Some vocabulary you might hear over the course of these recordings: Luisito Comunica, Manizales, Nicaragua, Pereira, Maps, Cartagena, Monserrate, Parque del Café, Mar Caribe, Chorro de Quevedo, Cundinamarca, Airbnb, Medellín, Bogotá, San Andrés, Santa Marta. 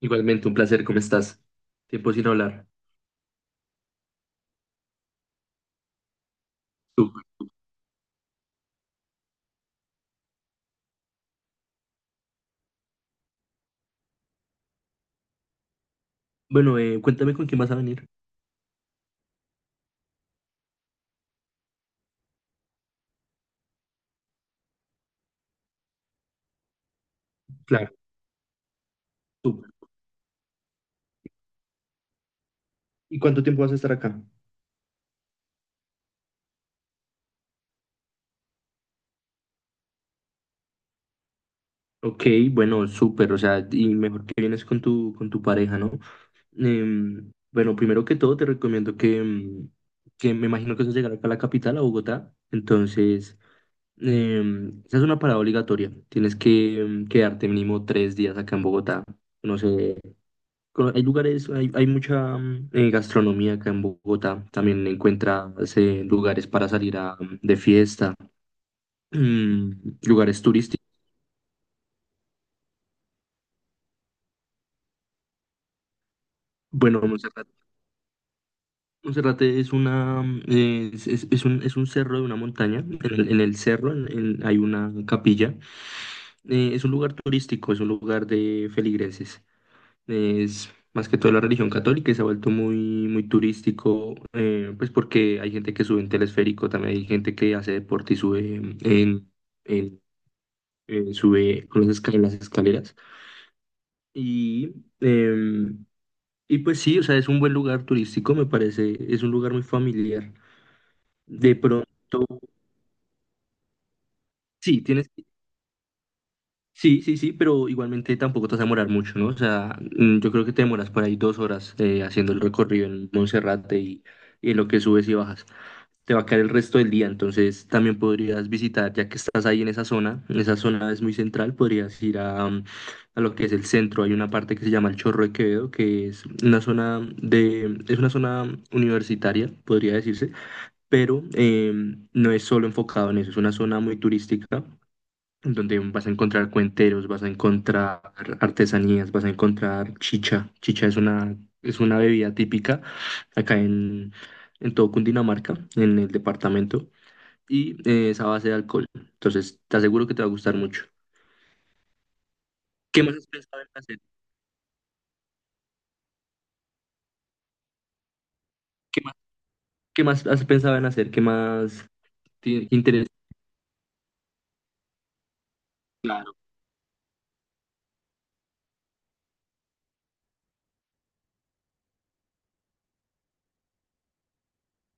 Igualmente, un placer, ¿cómo estás? Tiempo sin hablar. Súper. Bueno, cuéntame con quién vas a venir. Claro. Súper. ¿Y cuánto tiempo vas a estar acá? Ok, bueno, súper, o sea, y mejor que vienes con tu pareja, ¿no? Bueno, primero que todo te recomiendo que me imagino que vas a llegar acá a la capital, a Bogotá, entonces, esa es una parada obligatoria, tienes que quedarte mínimo 3 días acá en Bogotá, no sé. Hay lugares, hay mucha gastronomía acá en Bogotá. También encuentras lugares para salir de fiesta, mm, lugares turísticos. Bueno, Monserrate. Monserrate es una mm, es- es un cerro de una montaña. En en el cerro hay una capilla. Es un lugar turístico, es un lugar de feligreses. Es más que todo la religión católica y se ha vuelto muy turístico, pues porque hay gente que sube en telesférico, también hay gente que hace deporte y sube en, en- sube con en las escaleras. Y, em, y pues sí, o sea, es un buen lugar turístico, me parece, es un lugar muy familiar. De pronto, sí, tienes, sí, sí, sí, pero igualmente tampoco te vas a demorar mucho, ¿no? O sea, yo creo que te demoras por ahí 2 horas haciendo el recorrido en Monserrate y en lo que subes y bajas. Te va a caer el resto del día, entonces también podrías visitar, ya que estás ahí en esa zona es muy central, podrías ir a lo que es el centro. Hay una parte que se llama el Chorro de Quevedo, que es una zona universitaria, podría decirse, pero no es solo enfocado en eso, es una zona muy turística, donde vas a encontrar cuenteros, vas a encontrar artesanías, vas a encontrar chicha. Chicha es una bebida típica acá en todo Cundinamarca, en el departamento, y es a base de alcohol. Entonces, te aseguro que te va a gustar mucho. ¿Qué más has pensado en hacer? ¿Qué más, qué más has pensado en hacer? ¿Qué más tiene interés? Claro,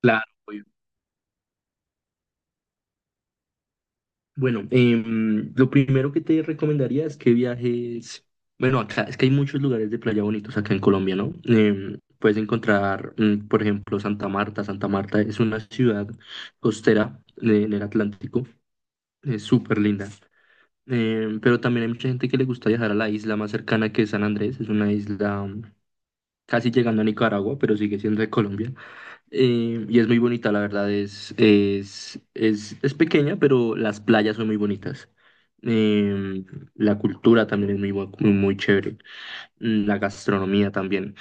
claro. Bueno, lo primero que te recomendaría es que viajes. Bueno, acá es que hay muchos lugares de playa bonitos acá en Colombia, ¿no? Puedes encontrar, por ejemplo, Santa Marta. Santa Marta es una ciudad costera en el Atlántico, es súper linda. Pero también hay mucha gente que le gusta viajar a la isla más cercana, que es San Andrés. Es una isla casi llegando a Nicaragua, pero sigue siendo de Colombia. Y es muy bonita, la verdad, es pequeña, pero las playas son muy bonitas. Eh, la cultura también es muy chévere. La gastronomía también.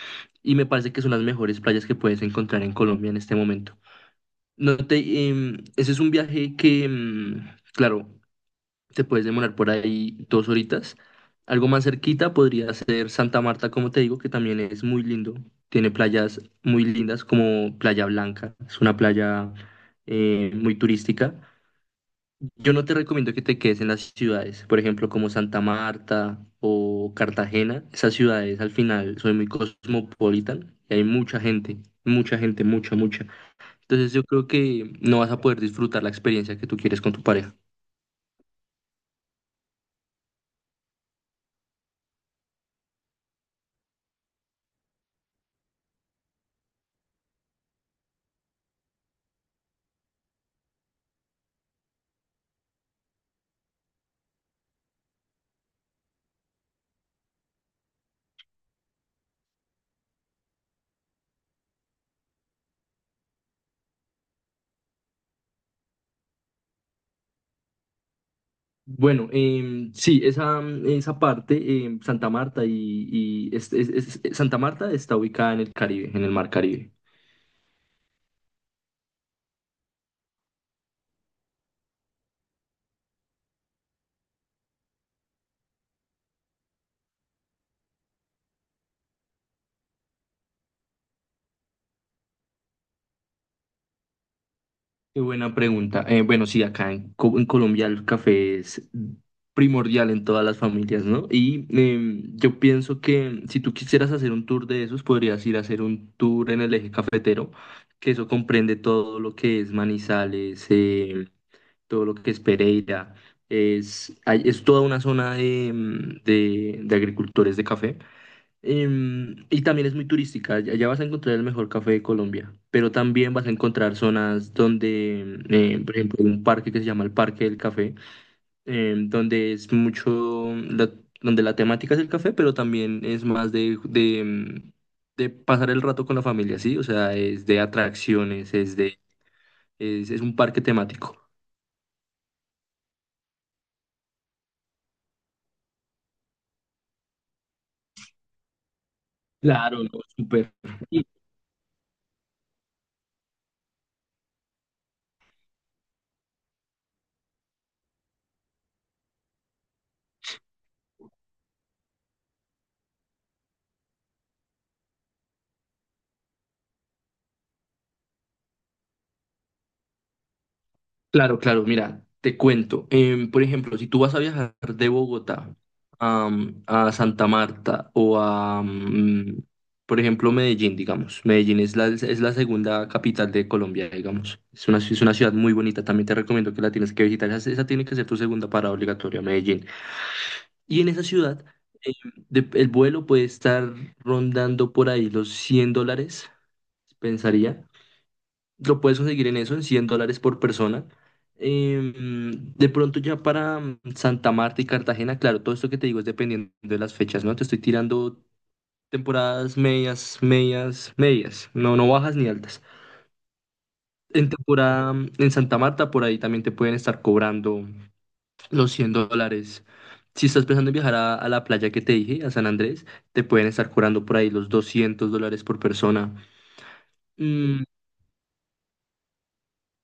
Y me parece que son las mejores playas que puedes encontrar en Colombia en este momento. No te, em, Ese es un viaje claro, te puedes demorar por ahí 2 horitas. Algo más cerquita podría ser Santa Marta, como te digo, que también es muy lindo. Tiene playas muy lindas como Playa Blanca. Es una playa muy turística. Yo no te recomiendo que te quedes en las ciudades, por ejemplo, como Santa Marta o Cartagena. Esas ciudades al final son muy cosmopolitan y hay mucha gente, mucha gente, mucha, mucha. Entonces yo creo que no vas a poder disfrutar la experiencia que tú quieres con tu pareja. Bueno, sí, esa parte, Santa Marta y es- Santa Marta está ubicada en el Caribe, en el Mar Caribe. Qué buena pregunta. Bueno, sí, acá en Colombia el café es primordial en todas las familias, ¿no? Y yo pienso que si tú quisieras hacer un tour de esos, podrías ir a hacer un tour en el eje cafetero, que eso comprende todo lo que es Manizales, todo lo que es Pereira. Es toda una zona de, de agricultores de café. Y también es muy turística. Allá vas a encontrar el mejor café de Colombia, pero también vas a encontrar zonas donde, por ejemplo, un parque que se llama el Parque del Café, em, donde es mucho, la- donde la temática es el café, pero también es más de, de pasar el rato con la familia, ¿sí? O sea, es de atracciones, es de, es un parque temático. Claro, no, súper. Claro, claro, mira, te cuento. Por ejemplo, si tú vas a viajar de Bogotá a Santa Marta o por ejemplo, Medellín, digamos. Medellín es la segunda capital de Colombia, digamos. Es una ciudad muy bonita, también te recomiendo que la tienes que visitar. Esa tiene que ser tu segunda parada obligatoria, Medellín. Y en esa ciudad, em, el vuelo puede estar rondando por ahí los $100, pensaría. Lo puedes conseguir en eso, en $100 por persona. De pronto ya para Santa Marta y Cartagena, claro, todo esto que te digo es dependiendo de las fechas, ¿no? Te estoy tirando temporadas medias, medias, medias, no, no bajas ni altas. En temporada en Santa Marta, por ahí también te pueden estar cobrando los $100. Si estás pensando en viajar a la playa que te dije, a San Andrés, te pueden estar cobrando por ahí los $200 por persona. Mm,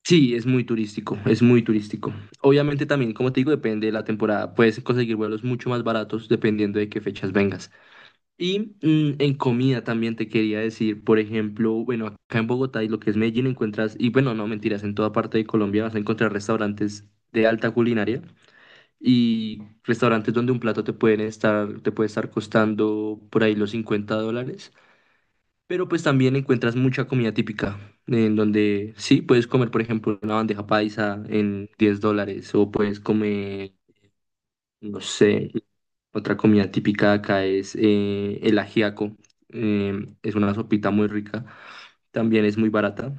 Sí, es muy turístico, es muy turístico. Obviamente también, como te digo, depende de la temporada. Puedes conseguir vuelos mucho más baratos dependiendo de qué fechas vengas. Y en comida también te quería decir. Por ejemplo, bueno, acá en Bogotá y lo que es Medellín encuentras, y bueno, no mentiras, en toda parte de Colombia vas a encontrar restaurantes de alta culinaria y restaurantes donde un plato te puede estar costando por ahí los $50, pero pues también encuentras mucha comida típica, en donde sí, puedes comer, por ejemplo, una bandeja paisa en $10, o puedes comer, no sé, otra comida típica de acá es el ajiaco. eh, es una sopita muy rica, también es muy barata,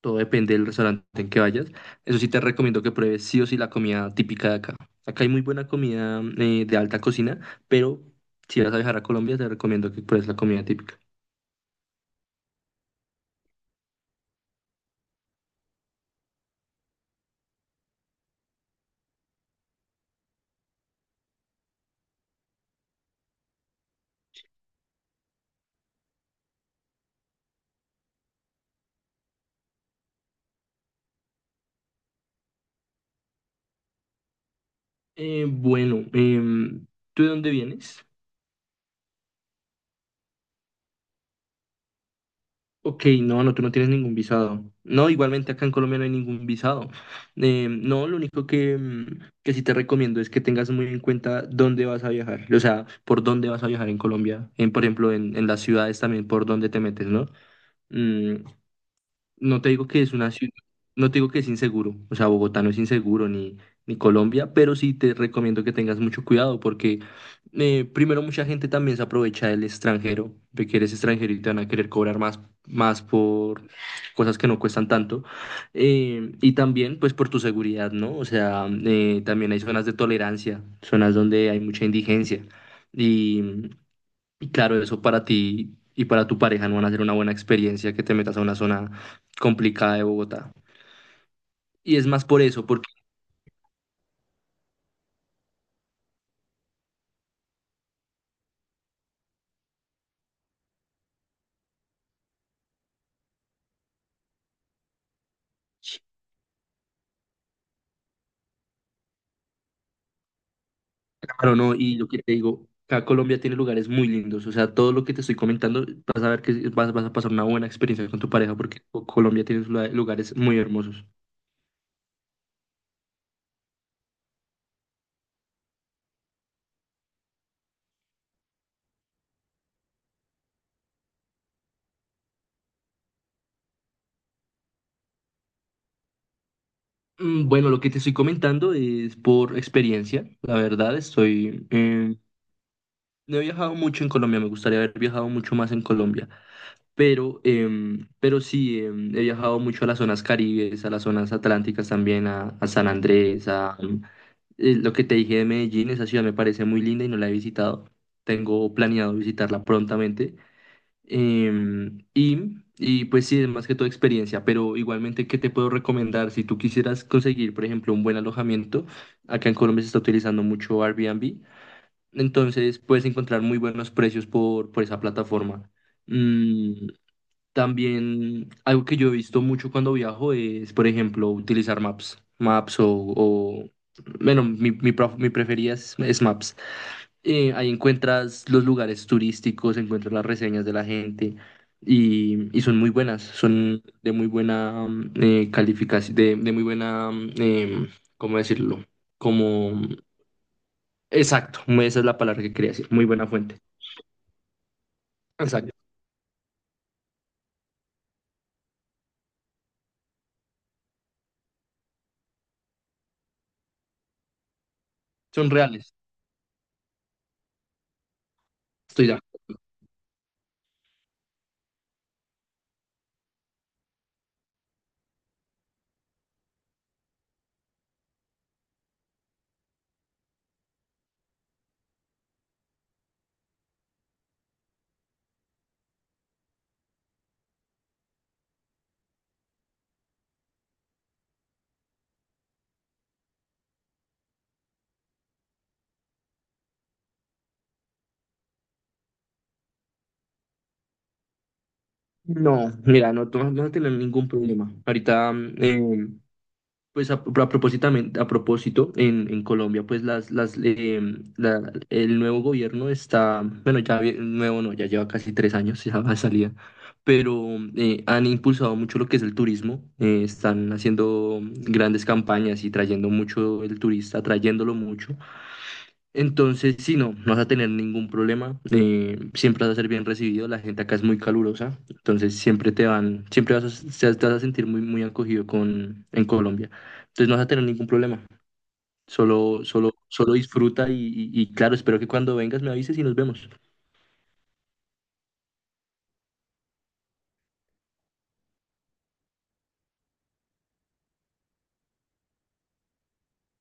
todo depende del restaurante en que vayas. Eso sí te recomiendo que pruebes sí o sí la comida típica de acá. Acá hay muy buena comida de alta cocina, pero si vas a viajar a Colombia, te recomiendo que pruebes la comida típica. Bueno, ¿tú de dónde vienes? Ok, no, no, tú no tienes ningún visado. No, igualmente acá en Colombia no hay ningún visado. No, lo único que, que sí te recomiendo es que tengas muy en cuenta dónde vas a viajar, o sea, por dónde vas a viajar en Colombia, por ejemplo, en las ciudades también, por dónde te metes, ¿no? Mm, No te digo que es una ciudad, no te digo que es inseguro, o sea, Bogotá no es inseguro ni Colombia, pero sí te recomiendo que tengas mucho cuidado porque primero mucha gente también se aprovecha del extranjero, de que eres extranjero y te van a querer cobrar más, más por cosas que no cuestan tanto, y también pues por tu seguridad, ¿no? O sea, también hay zonas de tolerancia, zonas donde hay mucha indigencia. y... Y claro, eso para ti y para tu pareja no van a ser una buena experiencia, que te metas a una zona complicada de Bogotá. Y es más por eso, porque, claro, no, y lo que te digo, acá Colombia tiene lugares muy lindos, o sea, todo lo que te estoy comentando, vas a ver que vas a pasar una buena experiencia con tu pareja, porque Colombia tiene lugares muy hermosos. Bueno, lo que te estoy comentando es por experiencia, la verdad. No he viajado mucho en Colombia, me gustaría haber viajado mucho más en Colombia, pero, pero sí, he viajado mucho a las zonas caribes, a las zonas atlánticas también, a San Andrés, lo que te dije de Medellín, esa ciudad me parece muy linda y no la he visitado. Tengo planeado visitarla prontamente. Y pues sí, es más que todo experiencia, pero igualmente, ¿qué te puedo recomendar? Si tú quisieras conseguir, por ejemplo, un buen alojamiento, acá en Colombia se está utilizando mucho Airbnb, entonces puedes encontrar muy buenos precios por esa plataforma. Mm, También algo que yo he visto mucho cuando viajo es, por ejemplo, utilizar Maps. O- bueno, mi preferida es Maps. Ahí encuentras los lugares turísticos, encuentras las reseñas de la gente y son muy buenas, son de muy buena calificación, de muy buena, eh, ¿cómo decirlo? Como, exacto, esa es la palabra que quería decir, muy buena fuente. Exacto, son reales, estoy ya. No, mira, no, tú no vas a tener ningún problema. Ahorita, pues a propósito en Colombia, pues el nuevo gobierno está, bueno, nuevo no, ya lleva casi 3 años, ya va a salir, pero han impulsado mucho lo que es el turismo. Están haciendo grandes campañas y trayendo mucho el turista, trayéndolo mucho. Entonces, sí, no, no vas a tener ningún problema. Siempre vas a ser bien recibido. La gente acá es muy calurosa. Entonces, siempre te vas a sentir muy, muy acogido en Colombia. Entonces, no vas a tener ningún problema. Solo, solo, solo disfruta y claro, espero que cuando vengas me avises y nos vemos.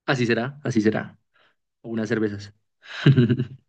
Así será, así será. Unas cervezas.